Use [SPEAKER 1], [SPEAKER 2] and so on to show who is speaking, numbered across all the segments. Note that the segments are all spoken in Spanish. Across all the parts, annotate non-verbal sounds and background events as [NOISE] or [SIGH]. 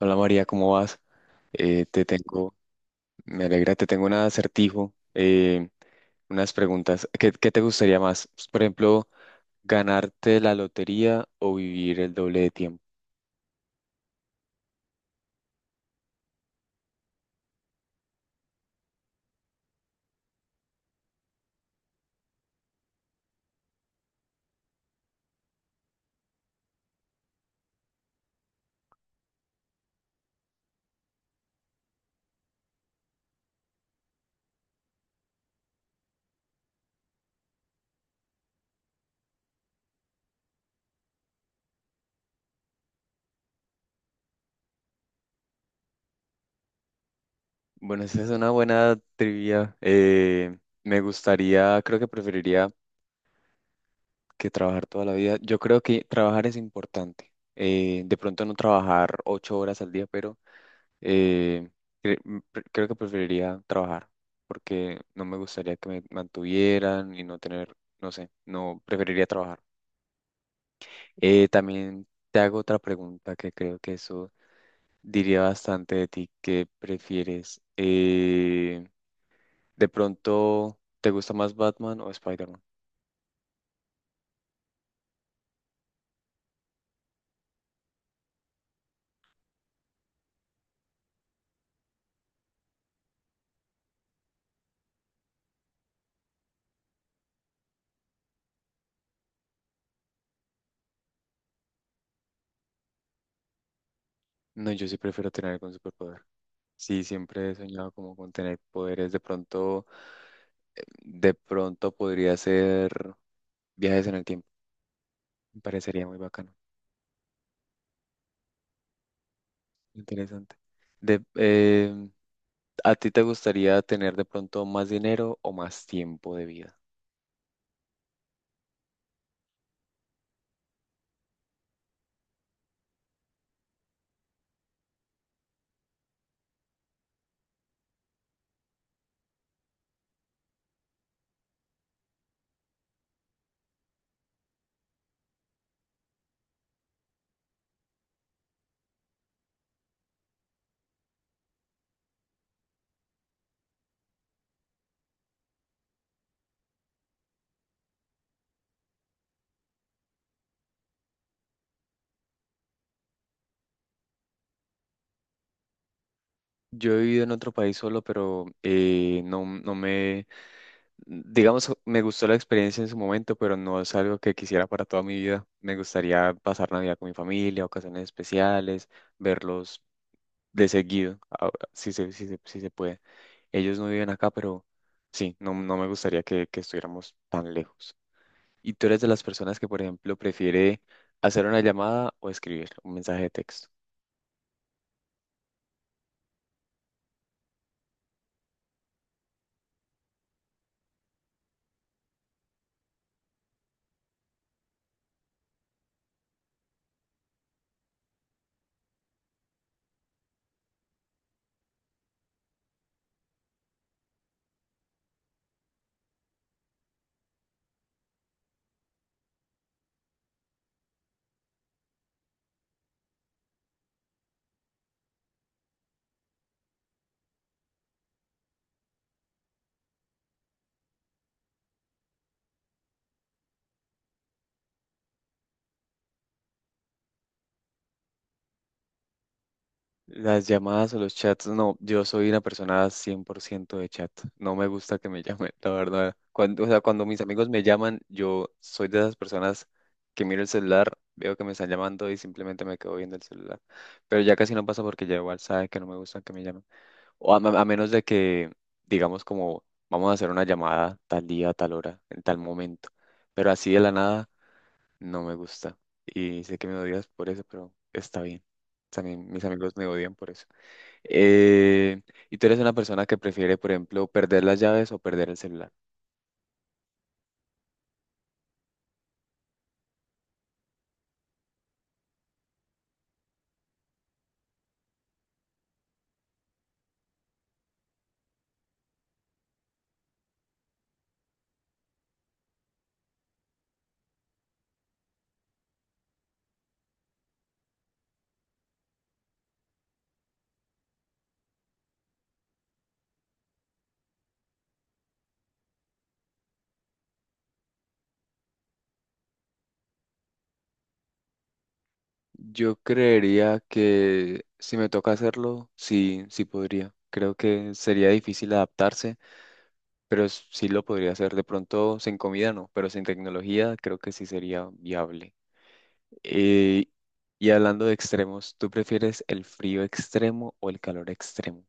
[SPEAKER 1] Hola María, ¿cómo vas? Te tengo, me alegra, te tengo un acertijo, unas preguntas. ¿Qué te gustaría más? Pues, por ejemplo, ¿ganarte la lotería o vivir el doble de tiempo? Bueno, esa es una buena trivia. Me gustaría, creo que preferiría que trabajar toda la vida. Yo creo que trabajar es importante. De pronto no trabajar ocho horas al día, pero Eh, creo que preferiría trabajar porque no me gustaría que me mantuvieran y no tener, no sé, no preferiría trabajar. También te hago otra pregunta que creo que eso diría bastante de ti. ¿Qué prefieres? ¿De pronto te gusta más Batman o Spider-Man? No, yo sí prefiero tener algún superpoder. Sí, siempre he soñado como con tener poderes. De pronto podría ser viajes en el tiempo. Me parecería muy bacano. Interesante. De, eh, ¿A ti te gustaría tener de pronto más dinero o más tiempo de vida? Yo he vivido en otro país solo, pero no, no me, digamos, me gustó la experiencia en su momento, pero no es algo que quisiera para toda mi vida. Me gustaría pasar Navidad con mi familia, ocasiones especiales, verlos de seguido, si se puede. Ellos no viven acá, pero sí, no, no me gustaría que estuviéramos tan lejos. ¿Y tú eres de las personas que, por ejemplo, prefiere hacer una llamada o escribir un mensaje de texto? Las llamadas o los chats, no, yo soy una persona 100% de chat. No me gusta que me [LAUGHS] llamen, la verdad. Cuando, o sea, cuando mis amigos me llaman, yo soy de esas personas que miro el celular, veo que me están llamando y simplemente me quedo viendo el celular. Pero ya casi no pasa porque ya igual sabe que no me gusta que me llamen. O a menos de que, digamos, como vamos a hacer una llamada tal día, tal hora, en tal momento. Pero así de la nada no me gusta. Y sé que me odias por eso, pero está bien. También mis amigos me odian por eso. Eh, ¿Y tú eres una persona que prefiere, por ejemplo, perder las llaves o perder el celular? Yo creería que si me toca hacerlo, sí, sí podría. Creo que sería difícil adaptarse, pero sí lo podría hacer. De pronto, sin comida no, pero sin tecnología creo que sí sería viable. Eh, y hablando de extremos, ¿tú prefieres el frío extremo o el calor extremo?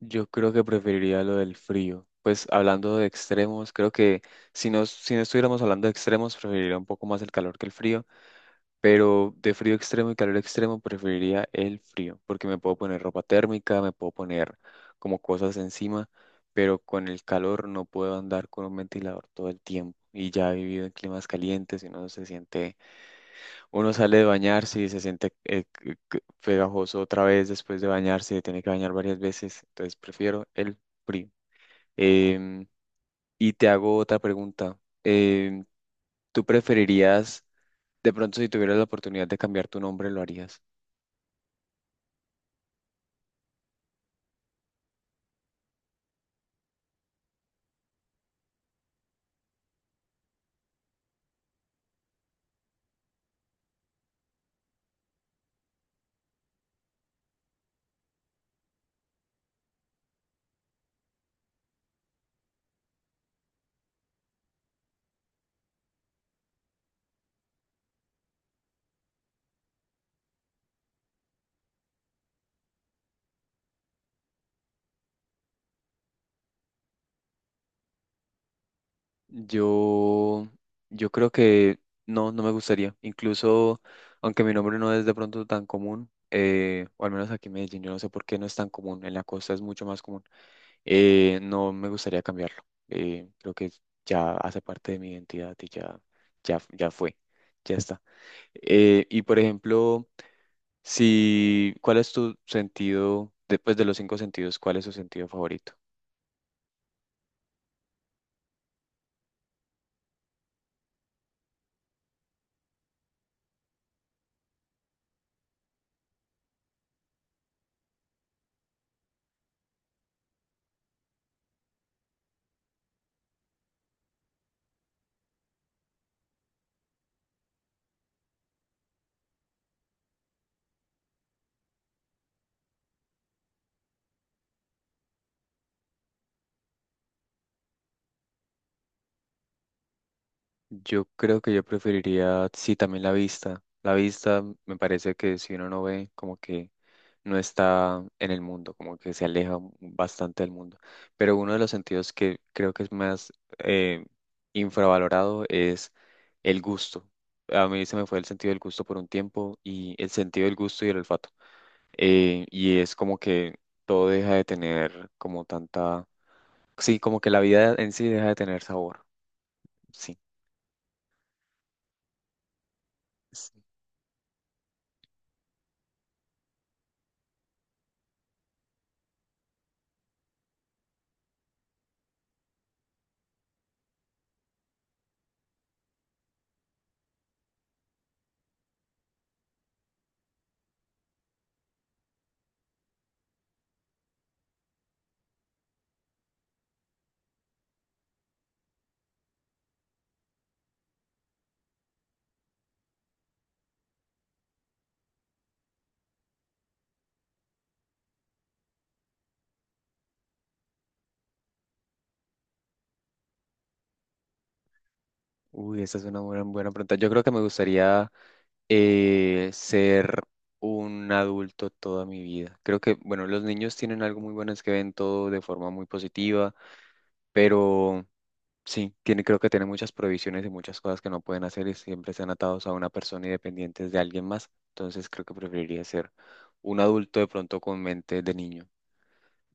[SPEAKER 1] Yo creo que preferiría lo del frío. Pues hablando de extremos, creo que si no, si no estuviéramos hablando de extremos, preferiría un poco más el calor que el frío, pero de frío extremo y calor extremo preferiría el frío, porque me puedo poner ropa térmica, me puedo poner como cosas encima, pero con el calor no puedo andar con un ventilador todo el tiempo. Y ya he vivido en climas calientes y uno se siente uno sale de bañarse y se siente pegajoso otra vez después de bañarse, tiene que bañar varias veces, entonces prefiero el frío. Em, y te hago otra pregunta. Em, ¿Tú preferirías, de pronto si tuvieras la oportunidad de cambiar tu nombre, lo harías? Yo, yo creo que no, no me gustaría. Incluso, aunque mi nombre no es de pronto tan común, o al menos aquí en Medellín, yo no sé por qué no es tan común, en la costa es mucho más común. No me gustaría cambiarlo. Creo que ya hace parte de mi identidad y ya fue, ya está. Y por ejemplo, si, ¿cuál es tu sentido, después de los cinco sentidos, cuál es tu sentido favorito? Yo creo que yo preferiría, sí, también la vista. La vista me parece que si uno no ve, como que no está en el mundo, como que se aleja bastante del mundo. Pero uno de los sentidos que creo que es más eh, infravalorado es el gusto. A mí se me fue el sentido del gusto por un tiempo y el sentido del gusto y el olfato. Y es como que todo deja de tener como tanta... Sí, como que la vida en sí deja de tener sabor. Sí. Uy, esa es una buena, buena pregunta. Yo creo que me gustaría ser un adulto toda mi vida. Creo que, bueno, los niños tienen algo muy bueno, es que ven todo de forma muy positiva, pero sí, tiene, creo que tienen muchas prohibiciones y muchas cosas que no pueden hacer y siempre están atados a una persona y dependientes de alguien más. Entonces creo que preferiría ser un adulto de pronto con mente de niño.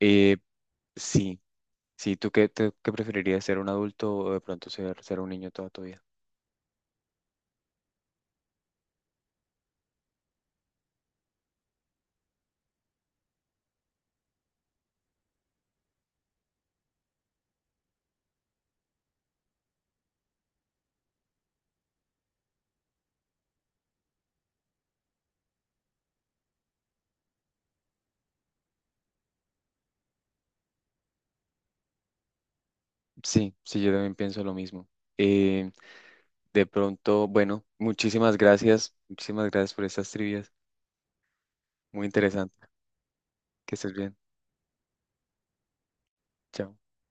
[SPEAKER 1] Eh, sí, sí, ¿tú qué preferirías ser un adulto o de pronto ser, ser un niño toda tu vida? Sí, sí, yo también pienso lo mismo. Eh, de pronto, bueno, muchísimas gracias por estas trivias. Muy interesante. Que estés bien. Chao.